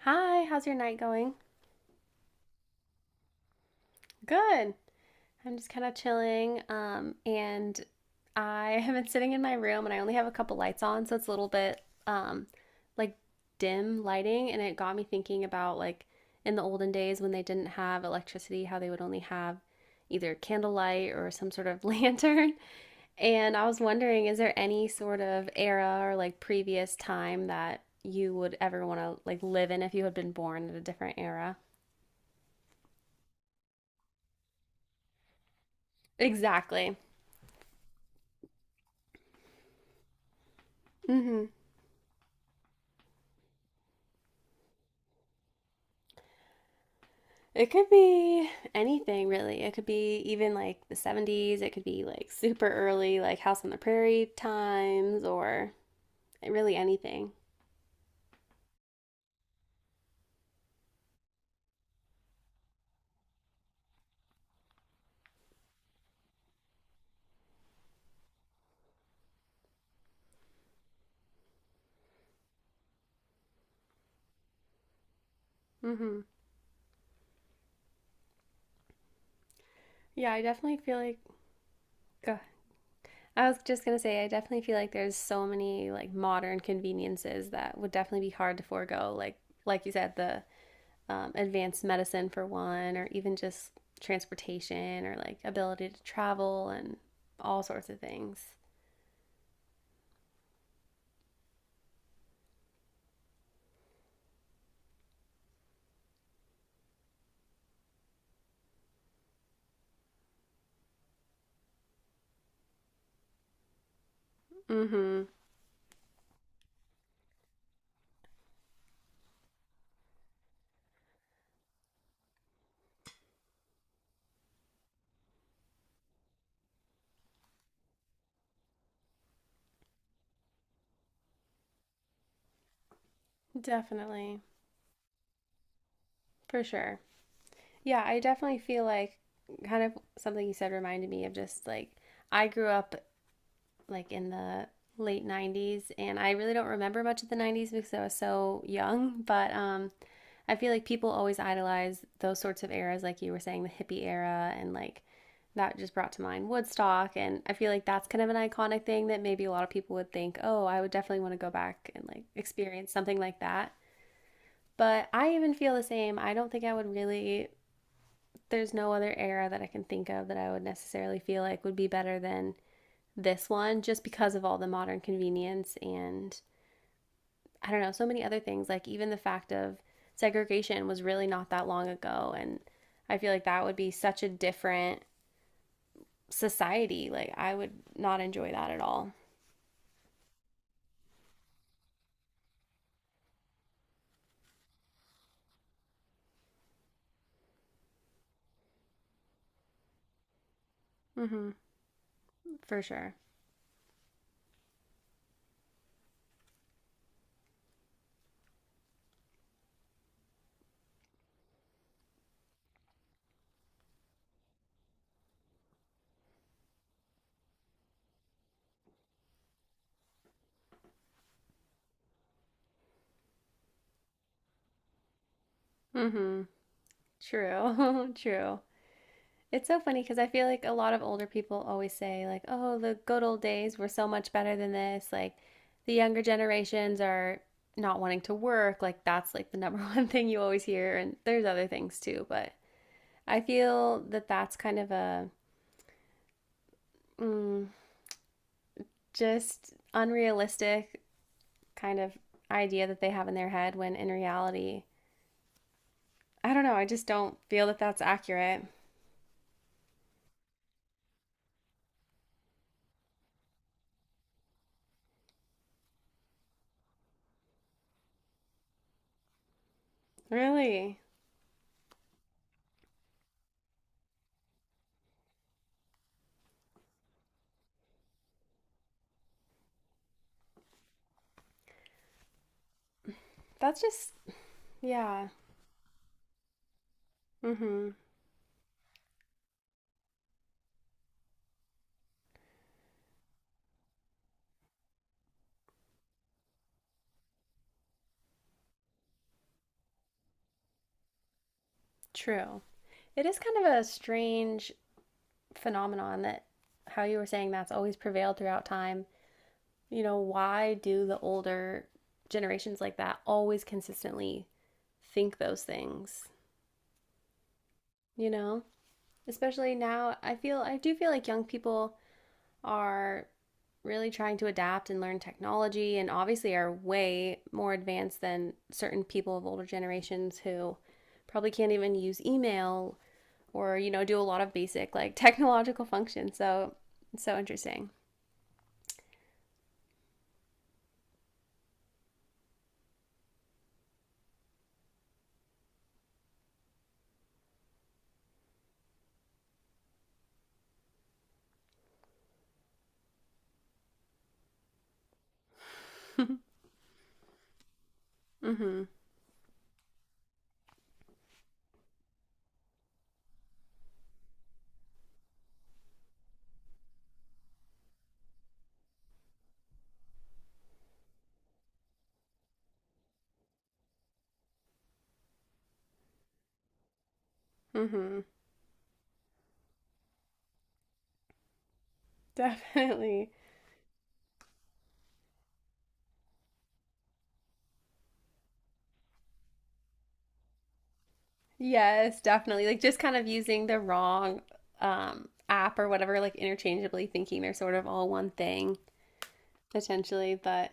Hi, how's your night going? Good. I'm just kind of chilling. And I have been sitting in my room and I only have a couple lights on, so it's a little bit um like dim lighting, and it got me thinking about like in the olden days when they didn't have electricity, how they would only have either candlelight or some sort of lantern. And I was wondering, is there any sort of era or like previous time that you would ever want to like live in if you had been born in a different era? Exactly. Hmm. It could be anything really. It could be even like the 70s. It could be like super early, like House on the Prairie times or really anything. Hmm. Yeah, I definitely feel like. Go. I was just gonna say I definitely feel like there's so many like modern conveniences that would definitely be hard to forego. Like you said, the advanced medicine for one, or even just transportation or like ability to travel and all sorts of things. Hmm. Definitely. For sure. Yeah, I definitely feel like kind of something you said reminded me of just like I grew up like in the late 90s and I really don't remember much of the 90s because I was so young, but I feel like people always idolize those sorts of eras like you were saying the hippie era and like that just brought to mind Woodstock and I feel like that's kind of an iconic thing that maybe a lot of people would think, "Oh, I would definitely want to go back and like experience something like that." But I even feel the same. I don't think I would really. There's no other era that I can think of that I would necessarily feel like would be better than this one just because of all the modern convenience and I don't know, so many other things. Like even the fact of segregation was really not that long ago. And I feel like that would be such a different society. Like I would not enjoy that at all. Mm-hmm. For sure. Mm-hmm. True. True. It's so funny because I feel like a lot of older people always say, like, oh, the good old days were so much better than this. Like, the younger generations are not wanting to work. Like, that's like the number one thing you always hear. And there's other things too. But I feel that that's kind of a mm, just unrealistic kind of idea that they have in their head when in reality, I don't know. I just don't feel that that's accurate. Really? That's just, yeah. Mm hmm. True. It is kind of a strange phenomenon that how you were saying that's always prevailed throughout time. You know, why do the older generations like that always consistently think those things? You know, especially now, I feel I do feel like young people are really trying to adapt and learn technology and obviously are way more advanced than certain people of older generations who probably can't even use email or you know do a lot of basic like technological functions so it's so interesting. Mm-hmm. Mm-hmm. Definitely. Yes, definitely like just kind of using the wrong app or whatever like interchangeably thinking they're sort of all one thing potentially, but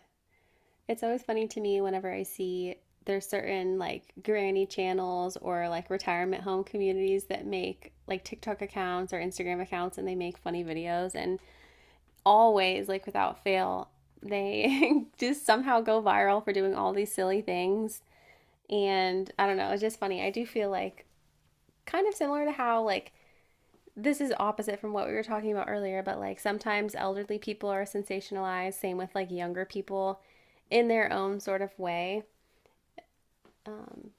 it's always funny to me whenever I see there's certain like granny channels or like retirement home communities that make like TikTok accounts or Instagram accounts and they make funny videos and always, like without fail, they just somehow go viral for doing all these silly things. And I don't know, it's just funny. I do feel like kind of similar to how, like, this is opposite from what we were talking about earlier, but like sometimes elderly people are sensationalized, same with like younger people in their own sort of way. Um,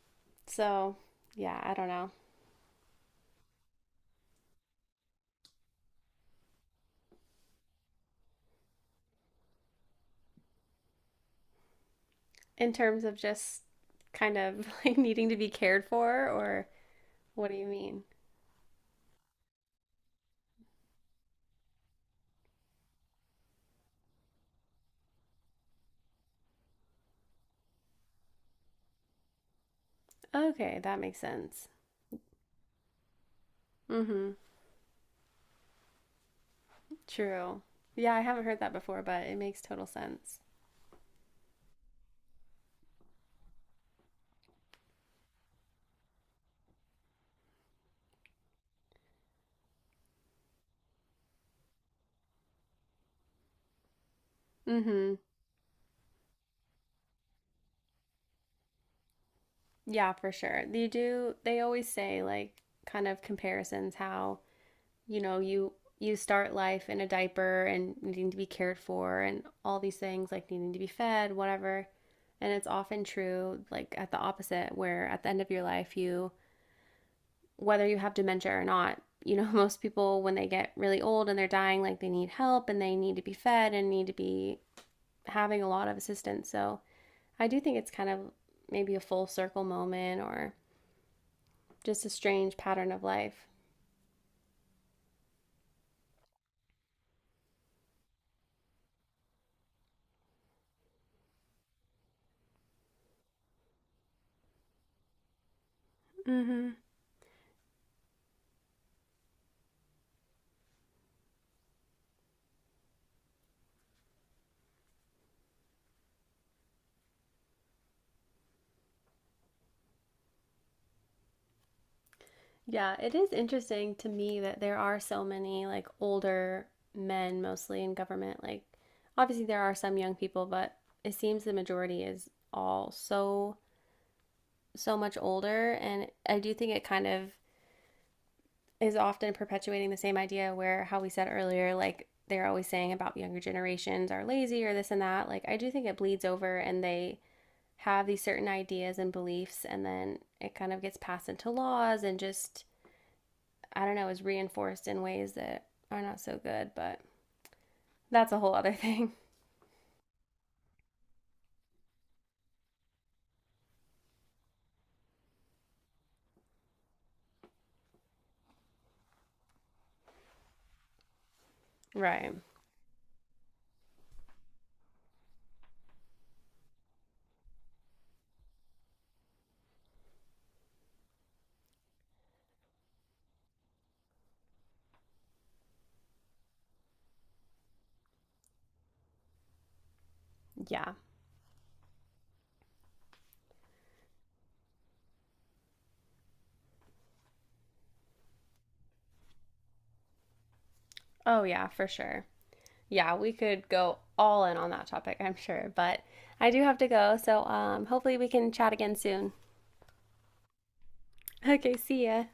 so, yeah, I don't know. In terms of just kind of like needing to be cared for, or what do you mean? Okay, that makes sense. Mm hmm. True. Yeah, I haven't heard that before, but it makes total sense. Mm-hmm. Yeah, for sure. They do they always say like kind of comparisons how, you know, you start life in a diaper and needing to be cared for and all these things like needing to be fed, whatever. And it's often true like at the opposite where at the end of your life you whether you have dementia or not, you know, most people when they get really old and they're dying like they need help and they need to be fed and need to be having a lot of assistance. So I do think it's kind of maybe a full circle moment or just a strange pattern of life. Mm-hmm. Yeah, it is interesting to me that there are so many like older men mostly in government. Like, obviously, there are some young people, but it seems the majority is all so, so much older. And I do think it kind of is often perpetuating the same idea where how we said earlier, like, they're always saying about younger generations are lazy or this and that. Like, I do think it bleeds over and they have these certain ideas and beliefs, and then it kind of gets passed into laws and just, I don't know, is reinforced in ways that are not so good, but that's a whole other thing. Right. Yeah. Oh, yeah, for sure. Yeah, we could go all in on that topic, I'm sure, but I do have to go, so hopefully we can chat again soon. Okay, see ya.